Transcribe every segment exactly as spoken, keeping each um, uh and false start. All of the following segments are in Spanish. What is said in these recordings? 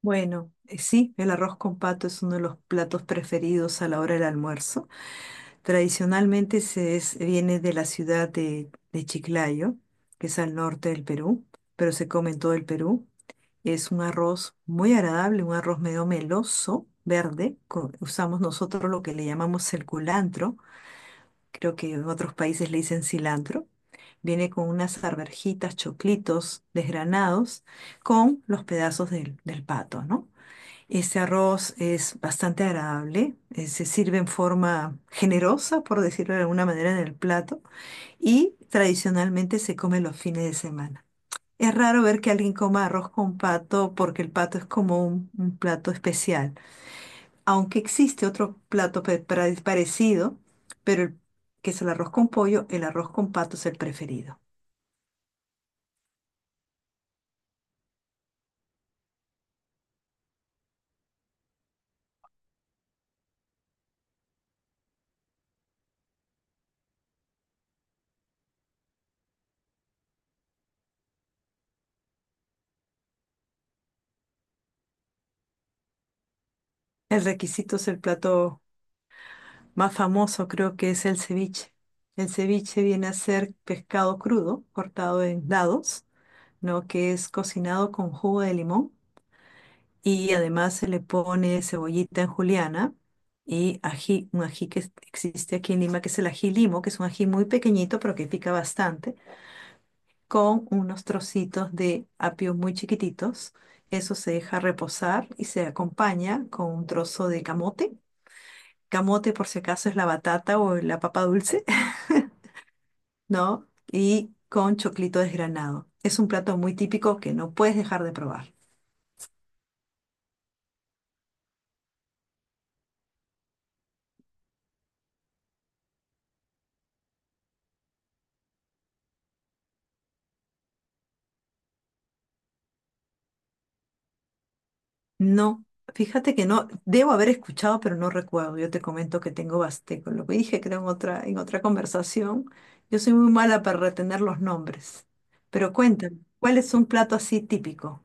Bueno, eh, sí, el arroz con pato es uno de los platos preferidos a la hora del almuerzo. Tradicionalmente se es- viene de la ciudad de, de Chiclayo, que es al norte del Perú, pero se come en todo el Perú. Es un arroz muy agradable, un arroz medio meloso, verde. Co- usamos nosotros lo que le llamamos el culantro. Creo que en otros países le dicen cilantro. Viene con unas arvejitas, choclitos desgranados, con los pedazos del, del pato, ¿no? Este arroz es bastante agradable, eh, se sirve en forma generosa, por decirlo de alguna manera, en el plato y tradicionalmente se come los fines de semana. Es raro ver que alguien coma arroz con pato porque el pato es como un, un plato especial, aunque existe otro plato pe- pra- parecido, pero el- que es el arroz con pollo, el arroz con pato es el preferido. El requisito es el plato más famoso, creo que es el ceviche. El ceviche viene a ser pescado crudo, cortado en dados, ¿no? Que es cocinado con jugo de limón y además se le pone cebollita en juliana y ají, un ají que es- existe aquí en Lima, que es el ají limo, que es un ají muy pequeñito pero que pica bastante, con unos trocitos de apio muy chiquititos. Eso se deja reposar y se acompaña con un trozo de camote. Camote, por si acaso, es la batata o la papa dulce, ¿no? Y con choclito desgranado. Es un plato muy típico que no puedes dejar de probar. No, fíjate que no, debo haber escuchado, pero no recuerdo. Yo te comento que tengo basteco, lo que dije creo en otra, en otra conversación. Yo soy muy mala para retener los nombres. Pero cuéntame, ¿cuál es un plato así típico?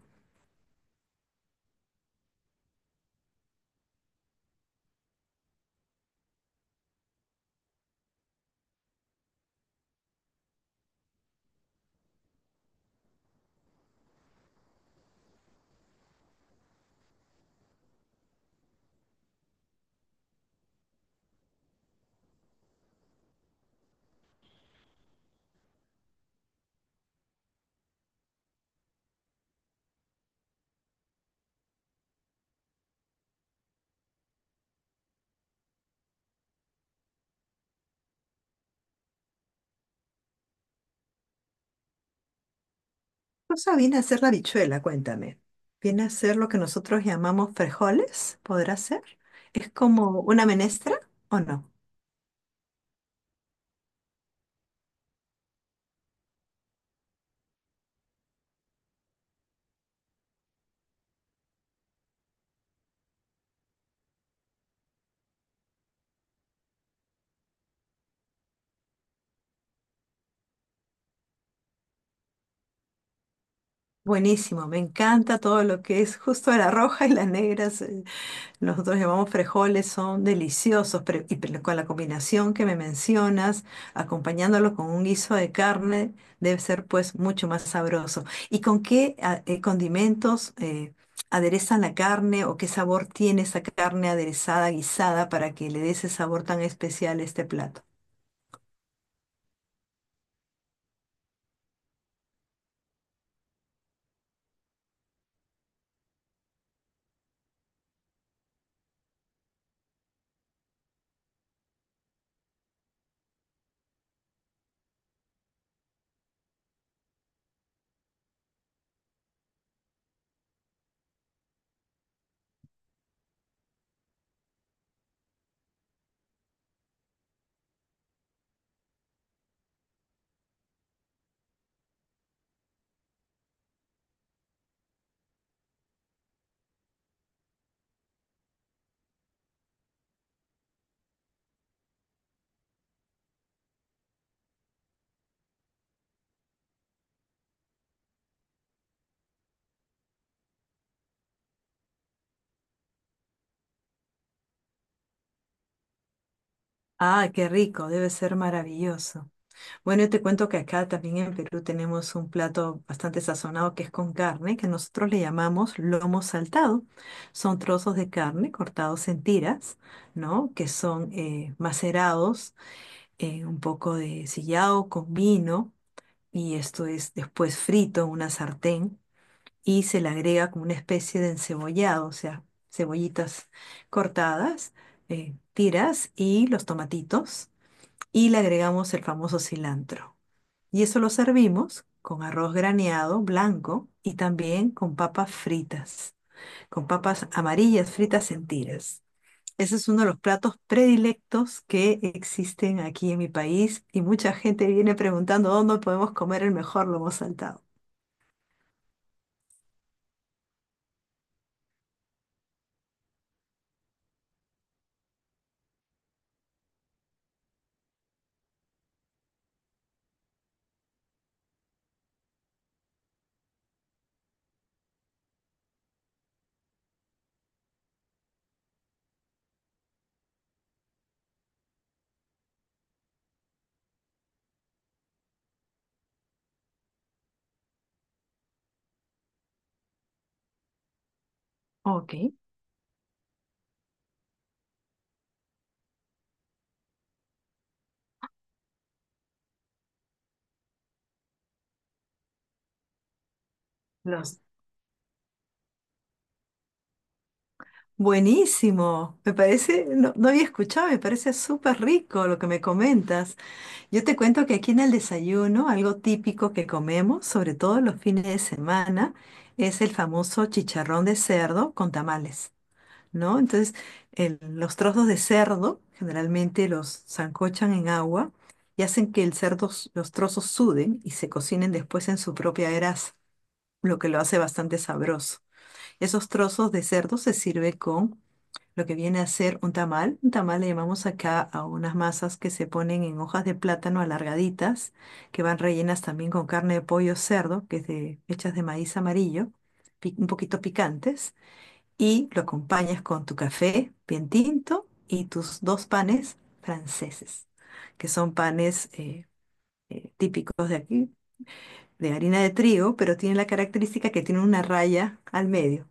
Cosa viene a ser la habichuela, cuéntame. Viene a ser lo que nosotros llamamos frijoles, ¿podrá ser? ¿Es como una menestra o no? Buenísimo, me encanta todo lo que es justo la roja y las negras, eh, nosotros llamamos frijoles, son deliciosos, pero y pero con la combinación que me mencionas, acompañándolo con un guiso de carne, debe ser pues mucho más sabroso. ¿Y con qué a- eh, condimentos, eh, aderezan la carne o qué sabor tiene esa carne aderezada, guisada, para que le dé ese sabor tan especial a este plato? Ah, qué rico, debe ser maravilloso. Bueno, yo te cuento que acá también en Perú tenemos un plato bastante sazonado que es con carne, que nosotros le llamamos lomo saltado. Son trozos de carne cortados en tiras, ¿no? Que son eh, macerados, eh, un poco de sillao con vino, y esto es después frito en una sartén y se le agrega como una especie de encebollado, o sea, cebollitas cortadas, eh, tiras y los tomatitos, y le agregamos el famoso cilantro. Y eso lo servimos con arroz graneado blanco y también con papas fritas, con papas amarillas fritas en tiras. Ese es uno de los platos predilectos que existen aquí en mi país y mucha gente viene preguntando dónde podemos comer el mejor lomo saltado. Ok. Los... Buenísimo, me parece, no, no había escuchado, me parece súper rico lo que me comentas. Yo te cuento que aquí en el desayuno, algo típico que comemos, sobre todo los fines de semana, es el famoso chicharrón de cerdo con tamales, ¿no? Entonces, el- los trozos de cerdo generalmente los sancochan en agua y hacen que el cerdo, s- los trozos suden y se cocinen después en su propia grasa, lo que lo hace bastante sabroso. Esos trozos de cerdo se sirve con lo que viene a ser un tamal. Un tamal le llamamos acá a unas masas que se ponen en hojas de plátano alargaditas, que van rellenas también con carne de pollo o cerdo, que es de, hechas de maíz amarillo, pi- un poquito picantes, y lo acompañas con tu café bien tinto y tus dos panes franceses, que son panes eh, eh, típicos de aquí, de harina de trigo, pero tienen la característica que tienen una raya al medio.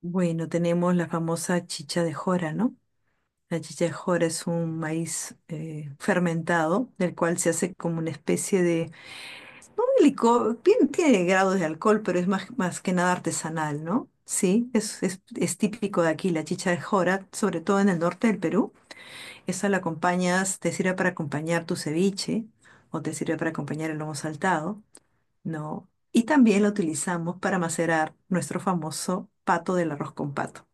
Bueno, tenemos la famosa chicha de jora, ¿no? La chichajora es un maíz eh, fermentado, del cual se hace como una especie de, no de licor, bien tiene grados de alcohol, pero es más, más que nada artesanal, ¿no? Sí, es, es, es típico de aquí la chichajora, sobre todo en el norte del Perú. Esa la acompañas, te sirve para acompañar tu ceviche o te sirve para acompañar el lomo saltado, ¿no? Y también la utilizamos para macerar nuestro famoso pato del arroz con pato.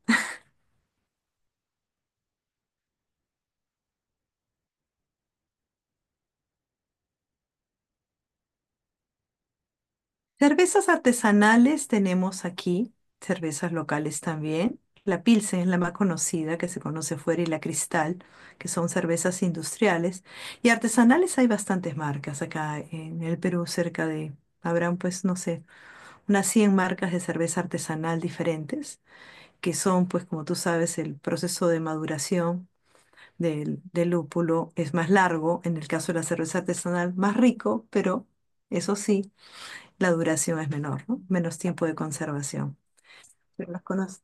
Cervezas artesanales tenemos aquí, cervezas locales también. La Pilsen es la más conocida, que se conoce fuera, y la Cristal, que son cervezas industriales. Y artesanales hay bastantes marcas acá en el Perú, cerca de, habrán pues, no sé, unas cien marcas de cerveza artesanal diferentes, que son pues, como tú sabes, el proceso de maduración del, del lúpulo es más largo, en el caso de la cerveza artesanal, más rico, pero... Eso sí, la duración es menor, ¿no? Menos tiempo de conservación. Yo las conozco.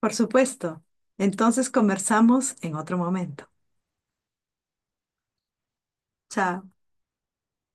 Por supuesto. Entonces conversamos en otro momento. Chao.